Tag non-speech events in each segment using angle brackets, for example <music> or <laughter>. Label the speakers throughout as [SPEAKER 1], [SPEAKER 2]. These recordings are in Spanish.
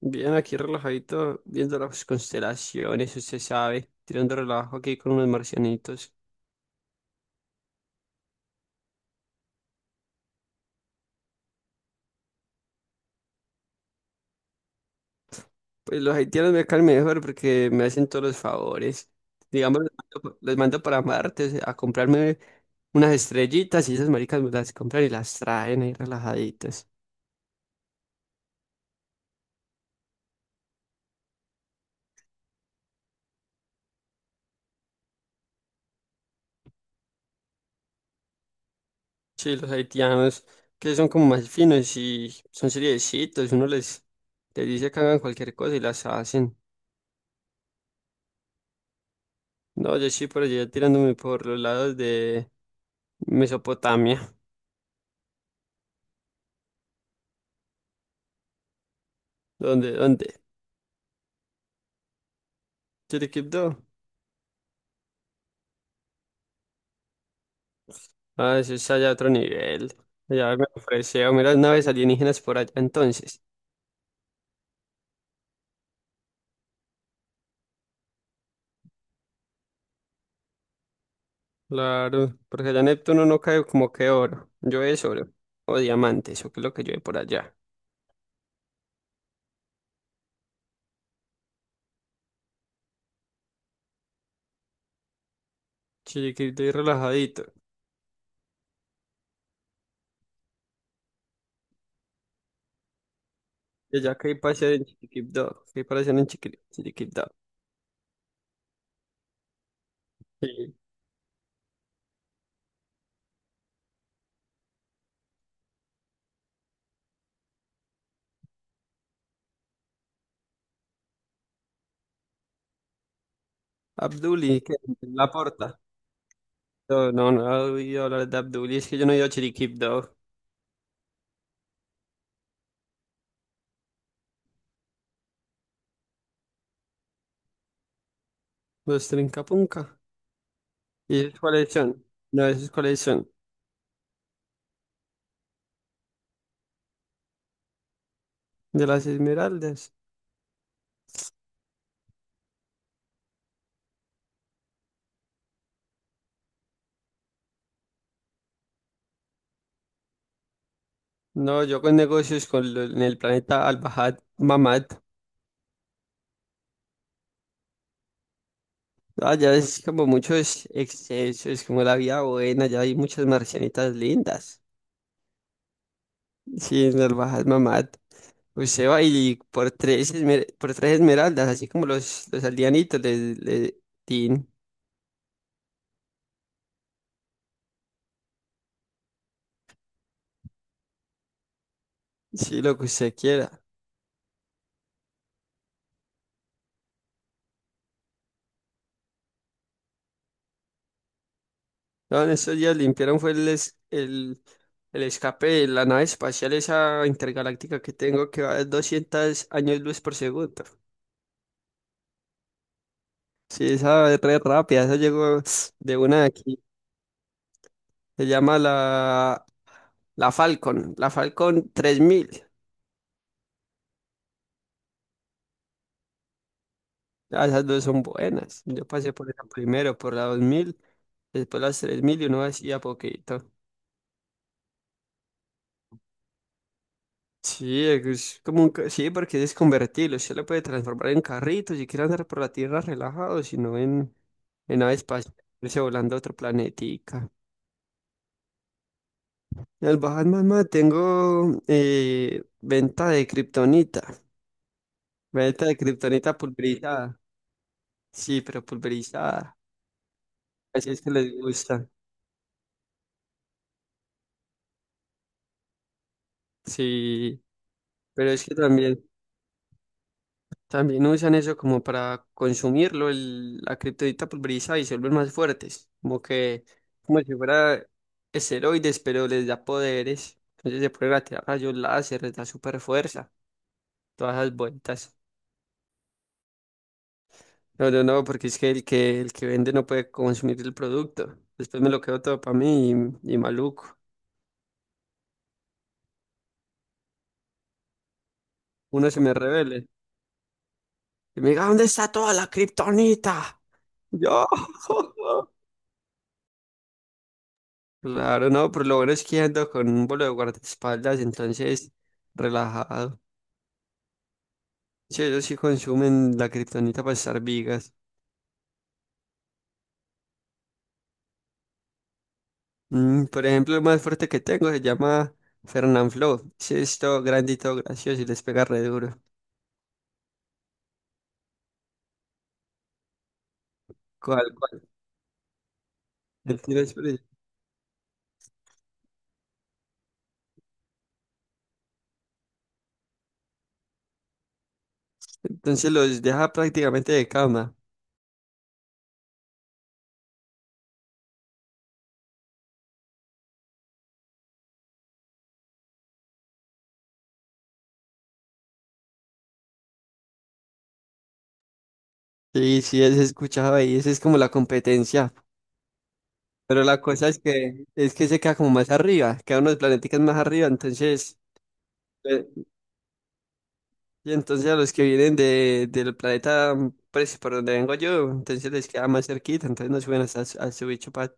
[SPEAKER 1] Bien, aquí relajadito, viendo las constelaciones, usted sabe, tirando relajo aquí con unos marcianitos. Pues los haitianos me caen mejor porque me hacen todos los favores. Digamos, les mando para Marte a comprarme unas estrellitas y esas maricas me las compran y las traen ahí relajaditas. Sí, los haitianos, que son como más finos y son seriecitos, les dice que hagan cualquier cosa y las hacen. No, yo sí por allá tirándome por los lados de Mesopotamia. ¿Dónde? ¿Dónde? ¿Chiriquipto? Ah, eso es allá otro nivel. Allá me ofreció, mira, las naves alienígenas por allá entonces. Claro, porque allá Neptuno no cae como que oro. Yo es oro. O diamantes eso que es lo que yo por allá. Chiriquipto y relajadito. Y allá que hay para hacer en Chiriquipto. ¿Qué hay para hacer en Chiriquipto? Sí. Abduli, ¿qué? La porta. No, no he oído hablar de Abduli, es que yo no he ido a Chiriquipto. Los Trincapunca. ¿Y esos cuáles son? No, esos cuáles son. De las esmeraldas. No, yo con negocios con en el planeta Al-Bahad Mamad. Allá es como muchos excesos, como la vida buena, ya hay muchas marcianitas lindas. Sí, en Al-Bahad Mamad. Usted va y por tres, por tres esmeraldas, así como los aldeanitos, le tin, sí, lo que usted quiera. No, en estos días limpiaron fue el escape de la nave espacial, esa intergaláctica que tengo, que va a 200 años luz por segundo. Sí, esa es re rápida, esa llegó de una de aquí. Se llama la Falcon 3000. Ah, esas dos son buenas. Yo pasé por esa primero, por la 2000, después las 3000 y uno hacía poquito. Sí, es como un sí, porque es convertible. Usted lo puede transformar en carrito si quiere andar por la tierra relajado, en nave espacial, irse volando a otro planetica. El Bahatma tengo venta de kriptonita. Meta de kriptonita pulverizada. Sí, pero pulverizada. Así es que les gusta. Sí, pero es que también usan eso como para consumirlo, la kriptonita pulverizada y se vuelven más fuertes. Como si fuera esteroides, pero les da poderes. Entonces se pueden tirar rayos láser, les da super fuerza. Todas esas vueltas. No, porque es que el que vende no puede consumir el producto. Después me lo quedo todo para mí y maluco. Uno se me revela. Y me diga, ¿dónde está toda la kriptonita? Yo. <laughs> Claro, no, pero lo bueno es que ando con un bolo de guardaespaldas, entonces relajado. Sí, ellos sí consumen la kriptonita para estar vigas. Mm, por ejemplo, el más fuerte que tengo se llama Fernanfloo. Sí, es todo grande gracioso y les pega re duro. ¿Cuál, cuál? El tiro es por ahí. Entonces los deja prácticamente de cama. Sí, sí, es escuchado ahí. Esa es como la competencia. Pero la cosa es que se queda como más arriba, queda unos planeticas más arriba, eh, y entonces a los que vienen del planeta, mm, pues por donde vengo yo, entonces les queda más cerquita, entonces no suben hasta a su bicho pa-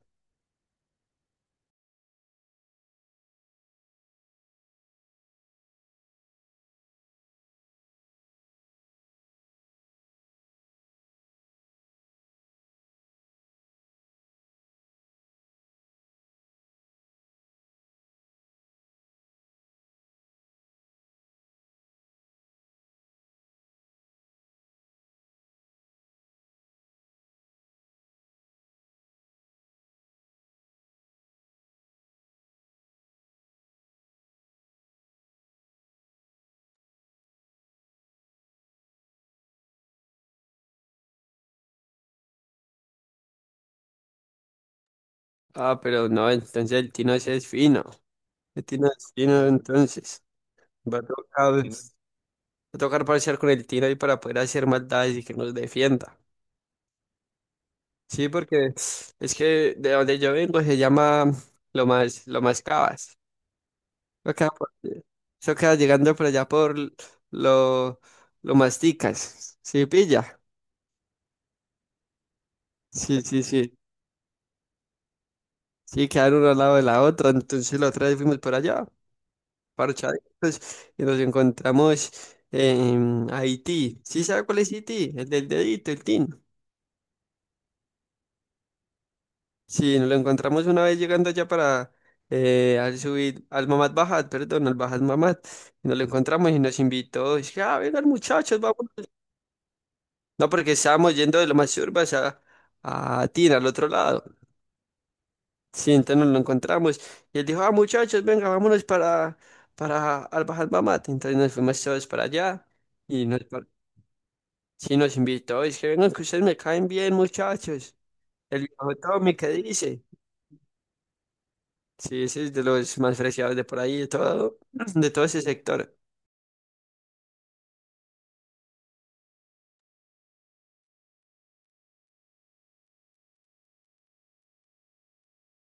[SPEAKER 1] Ah, pero no, entonces el Tino ese es fino, el Tino es fino, entonces va a tocar parciar con el Tino ahí para poder hacer maldades y que nos defienda. Sí, porque es que de donde yo vengo se llama lo más cabas. Eso queda, eso queda llegando por allá por lo, lo masticas. Sí, pilla. Sí, sí, sí. Sí, quedan uno al lado de la otra. Entonces la otra vez fuimos por allá, parchaditos, y nos encontramos en Haití. ¿Sí sabe cuál es Haití? El del dedito, el tin. Sí, nos lo encontramos una vez llegando allá para al subir al Mamad Bajat, perdón, al Bajat Mamad. Y nos lo encontramos y nos invitó. Dice, ah, vengan muchachos, vamos. No, porque estábamos yendo de Lomas Urbas a Tina, al otro lado. Sí, entonces nos lo encontramos. Y él dijo, ah, muchachos, venga, para Albajal Mamate. Entonces nos fuimos todos para allá. Y nos, par- sí, nos invitó. Es que vengan, que ustedes me caen bien, muchachos. El viejo Tommy, ¿qué dice? Sí, ese es de los más preciados de por ahí, de todo, <clears throat> de todo ese sector.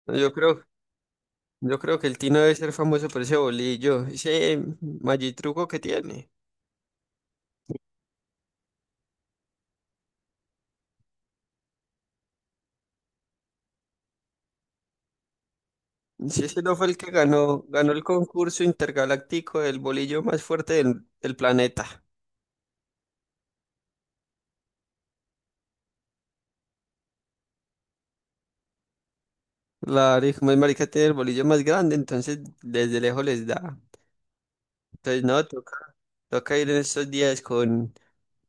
[SPEAKER 1] Yo creo, yo creo que el Tino debe ser famoso por ese bolillo, ese magitruco que tiene. Sí, ese no fue el que ganó, ganó el concurso intergaláctico del bolillo más fuerte del planeta. Como es marica tiene el bolillo más grande, entonces desde lejos les da. Entonces no, toca, toca ir en estos días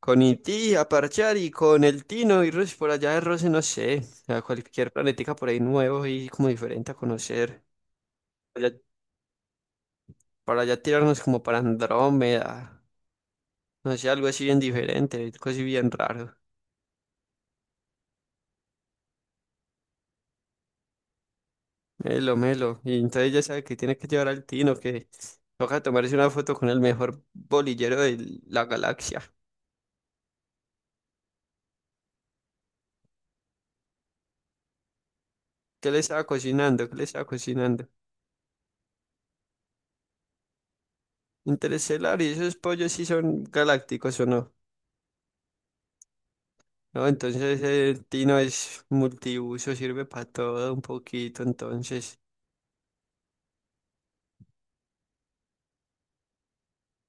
[SPEAKER 1] con Iti a parchar y con el Tino y Rus por allá de Rose, no sé, a cualquier planetica por ahí nuevo y como diferente a conocer. Para allá, para allá tirarnos como para Andrómeda, no sé, algo así bien diferente, algo así bien raro. Melo, melo. Y entonces ya sabe que tiene que llevar al Tino, que toca tomarse una foto con el mejor bolillero de la galaxia. ¿Qué le estaba cocinando? ¿Qué le estaba cocinando? Interestelar, ¿y esos pollos sí son galácticos o no? No, entonces el Tino es multiuso, sirve para todo un poquito, entonces.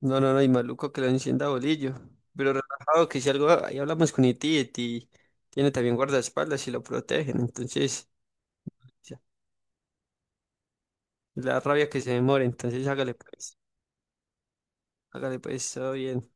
[SPEAKER 1] No, y maluco que lo encienda bolillo. Pero relajado, que si algo, ahí hablamos con Iti, Iti tiene también guardaespaldas y lo protegen, entonces... ya, la rabia que se demore, entonces hágale pues. Hágale pues, todo bien.